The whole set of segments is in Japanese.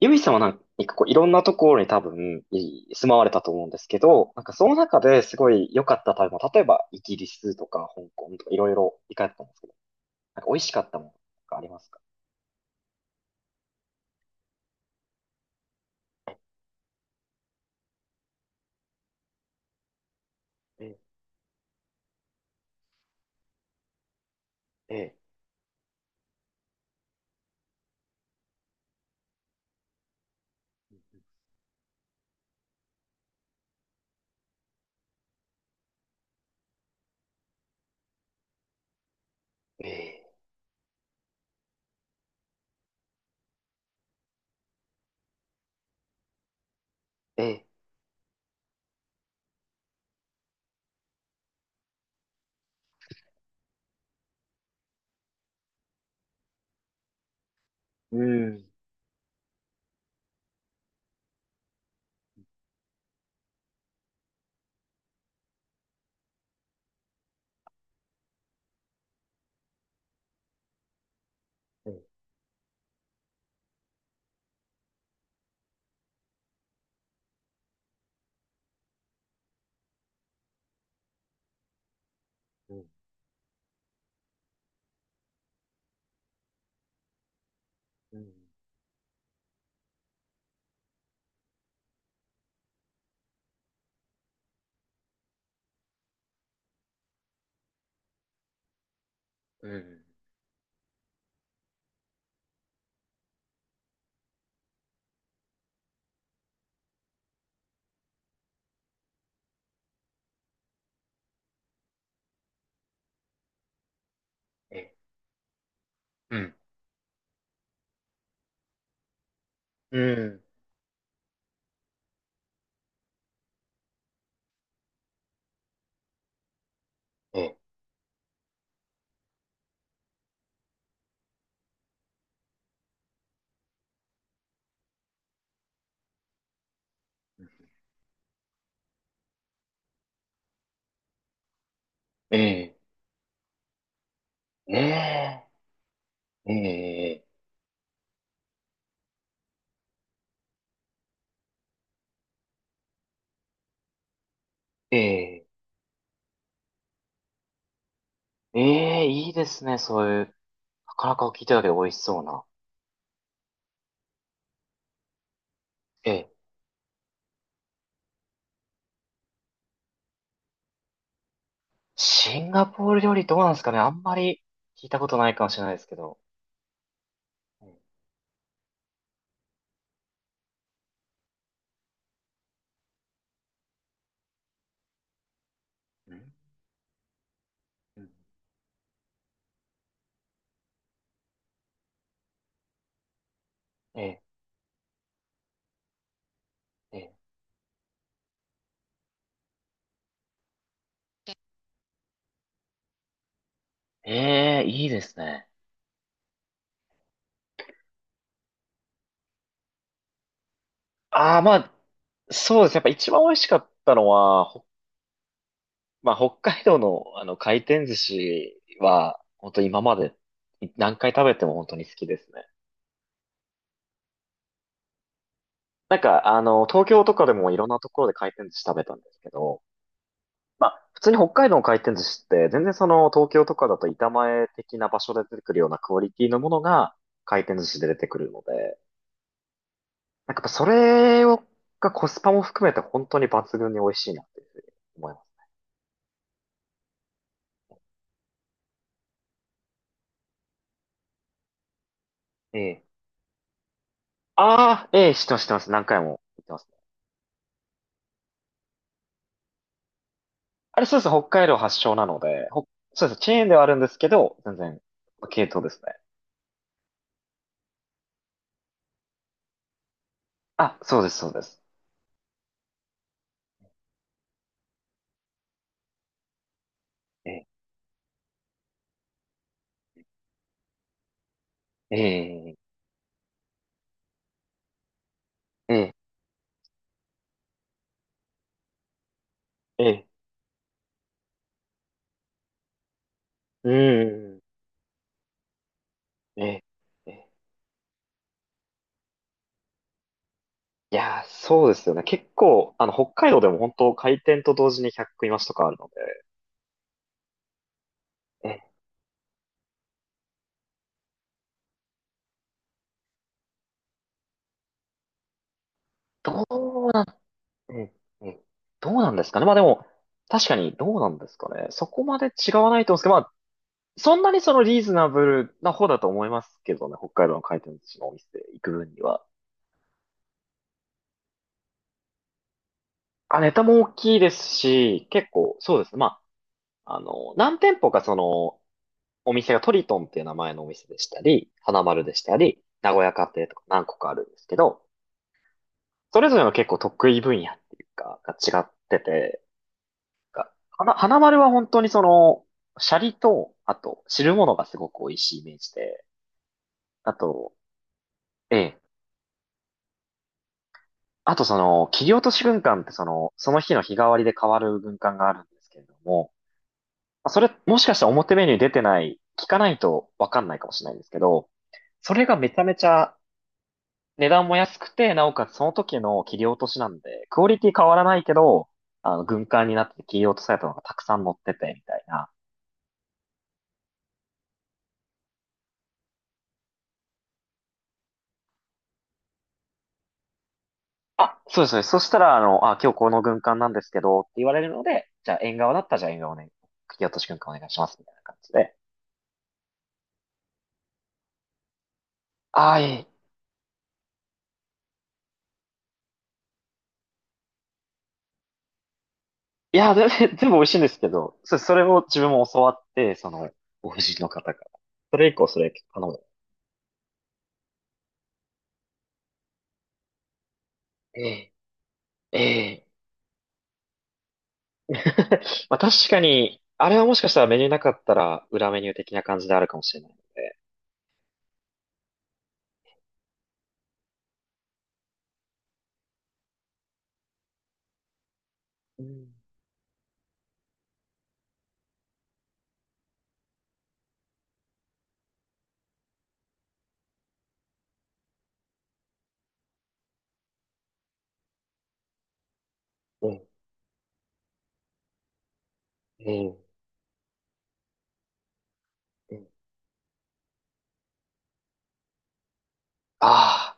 ゆいさんはなんかこういろんなところに多分住まわれたと思うんですけど、なんかその中ですごい良かった食べ物、例えばイギリスとか香港とかいろいろ行かれてたんですけど、なんか美味しかったものとかありますか？ええ、ええ、ええ、ええ、うん、ええ、うん、うん、うん、ええ、うん、うん、え、え、え、え、ええ、ええ、ええ、ええ、いいですね、そういう。なかなか聞いてただけど美味しそうな。え、シンガポール料理どうなんですかね、あんまり聞いたことないかもしれないですけど。うん。うん、うん、ええ、ええ、ええ、いいですね。ああ、まあ、そうですね。やっぱ一番美味しかったのは、まあ、北海道のあの回転寿司は、本当今まで何回食べても本当に好きですね。なんか、あの、東京とかでもいろんなところで回転寿司食べたんですけど、まあ、普通に北海道の回転寿司って、全然その東京とかだと板前的な場所で出てくるようなクオリティのものが回転寿司で出てくるので、なんかやっぱそれを、がコスパも含めて本当に抜群に美味しいなっていうふうに思います。ええ。ああ、ええ、知ってます、知ってます。何回も言ってますね。あれそうですね、北海道発祥なので、そうです、チェーンではあるんですけど、全然、系統ですね。あ、そうです、そうです。ええ、ええ、ええ、ええ、うーん、ええ、ええ、いやー、そうですよね。結構、あの、北海道でも本当開店と同時に100食増しとかあるので、え、どうなん、え、え、どうなんですかね。まあでも、確かにどうなんですかね。そこまで違わないと思うんですけど、まあ、そんなにそのリーズナブルな方だと思いますけどね、北海道の回転寿司のお店行く分には。あ、ネタも大きいですし、結構、そうですね。まあ、あの、何店舗かその、お店がトリトンっていう名前のお店でしたり、花丸でしたり、名古屋家庭とか何個かあるんですけど、それぞれの結構得意分野っていうか、が違ってて、花丸は本当にその、シャリと、あと、汁物がすごく美味しいイメージで、あと、ええ、あとその、切り落とし軍艦ってその、その日の日替わりで変わる軍艦があるんですけれども、まあそれ、もしかしたら表メニューに出てない、聞かないとわかんないかもしれないんですけど、それがめちゃめちゃ値段も安くて、なおかつその時の切り落としなんで、クオリティ変わらないけど、あの、軍艦になって切り落とされたのがたくさん乗ってて、みたいな。あ、そうです、そうです。そしたら、あの、あ、今日この軍艦なんですけど、って言われるので、じゃあ縁側だったら、じゃあ縁側をね、切り落とし軍艦お願いします、みたいな感じで。ああ、いい。いや、全部全部美味しいんですけど、それを自分も教わって、その、お夫人の方から。それ以降、それ頼む。ええ、ええ。まあ確かに、あれはもしかしたらメニューなかったら裏メニュー的な感じであるかもしれないので。うん。うん、うん、うん。あ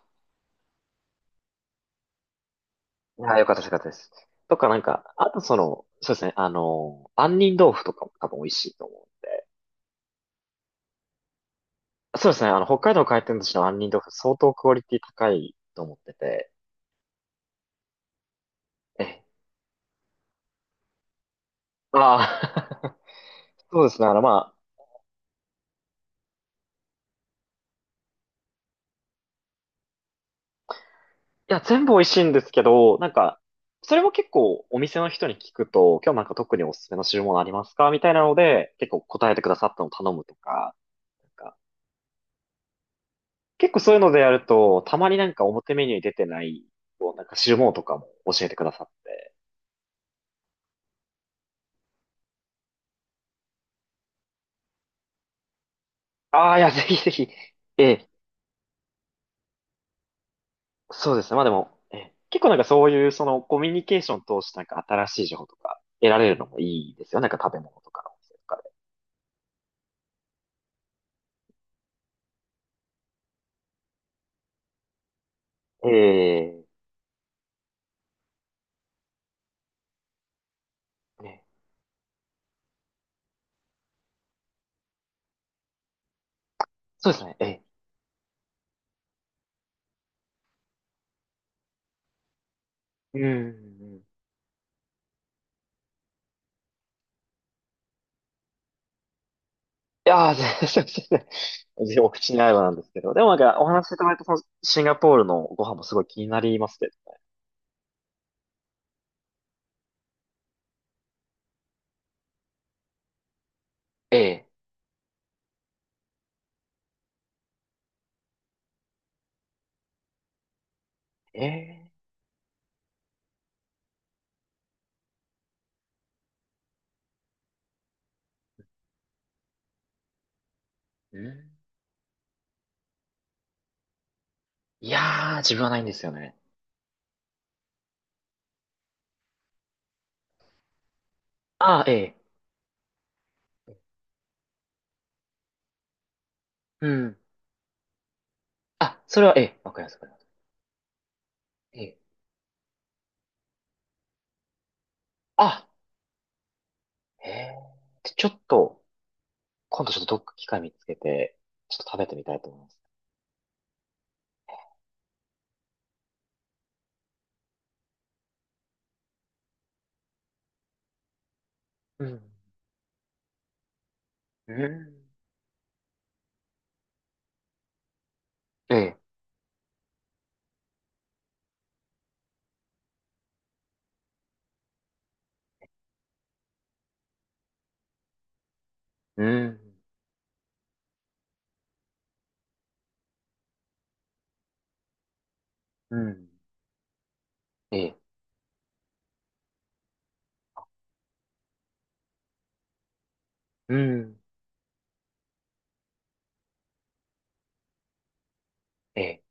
あ、ああ、よかったです、よかったです。とか、なんか、あとその、そうですね、あの、杏仁豆腐とかも多分美味しいと思う。そうですね、あの、北海道回転寿司の杏仁豆腐相当クオリティ高いと思ってて。ええ、ああ、そうですね、あの、まあ、いや、全部美味しいんですけど、なんか、それも結構お店の人に聞くと、今日なんか特におすすめの汁物ありますか、みたいなので、結構答えてくださったのを頼むとか、なんか、結構そういうのでやると、たまになんか表メニューに出てない、こうなんか汁物とかも教えてくださって。ああ、いや、ぜひぜひ。ええ、そうですね。まあでも、ええ、結構なんかそういう、そのコミュニケーションを通してなんか新しい情報とか得られるのもいいですよ。なんか食べ物とかのお店とかで。ええ、ね、そうですね。ええ、うん。いやー、全然、全然お口に合えばなんですけど。でもなんか、お話しいただいたそのシンガポールのご飯もすごい気になりますけどね。ええ。ええ。うん、いやー、自分はないんですよね。ああ、ええ。うん。あ、それは、ええ、わかります、わかります。ええ。あ、ええ。でちょっと、今度ちょっとどっか機会見つけて、ちょっと食べてみたいと思います。うん。うん。ええ。うん。うん。ええ。うん。ええ。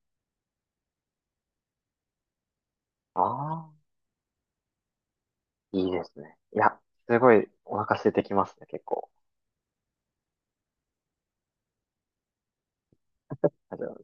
ああ。いいですね。いや、すごいお腹空いてきますね、結構。あじゃあ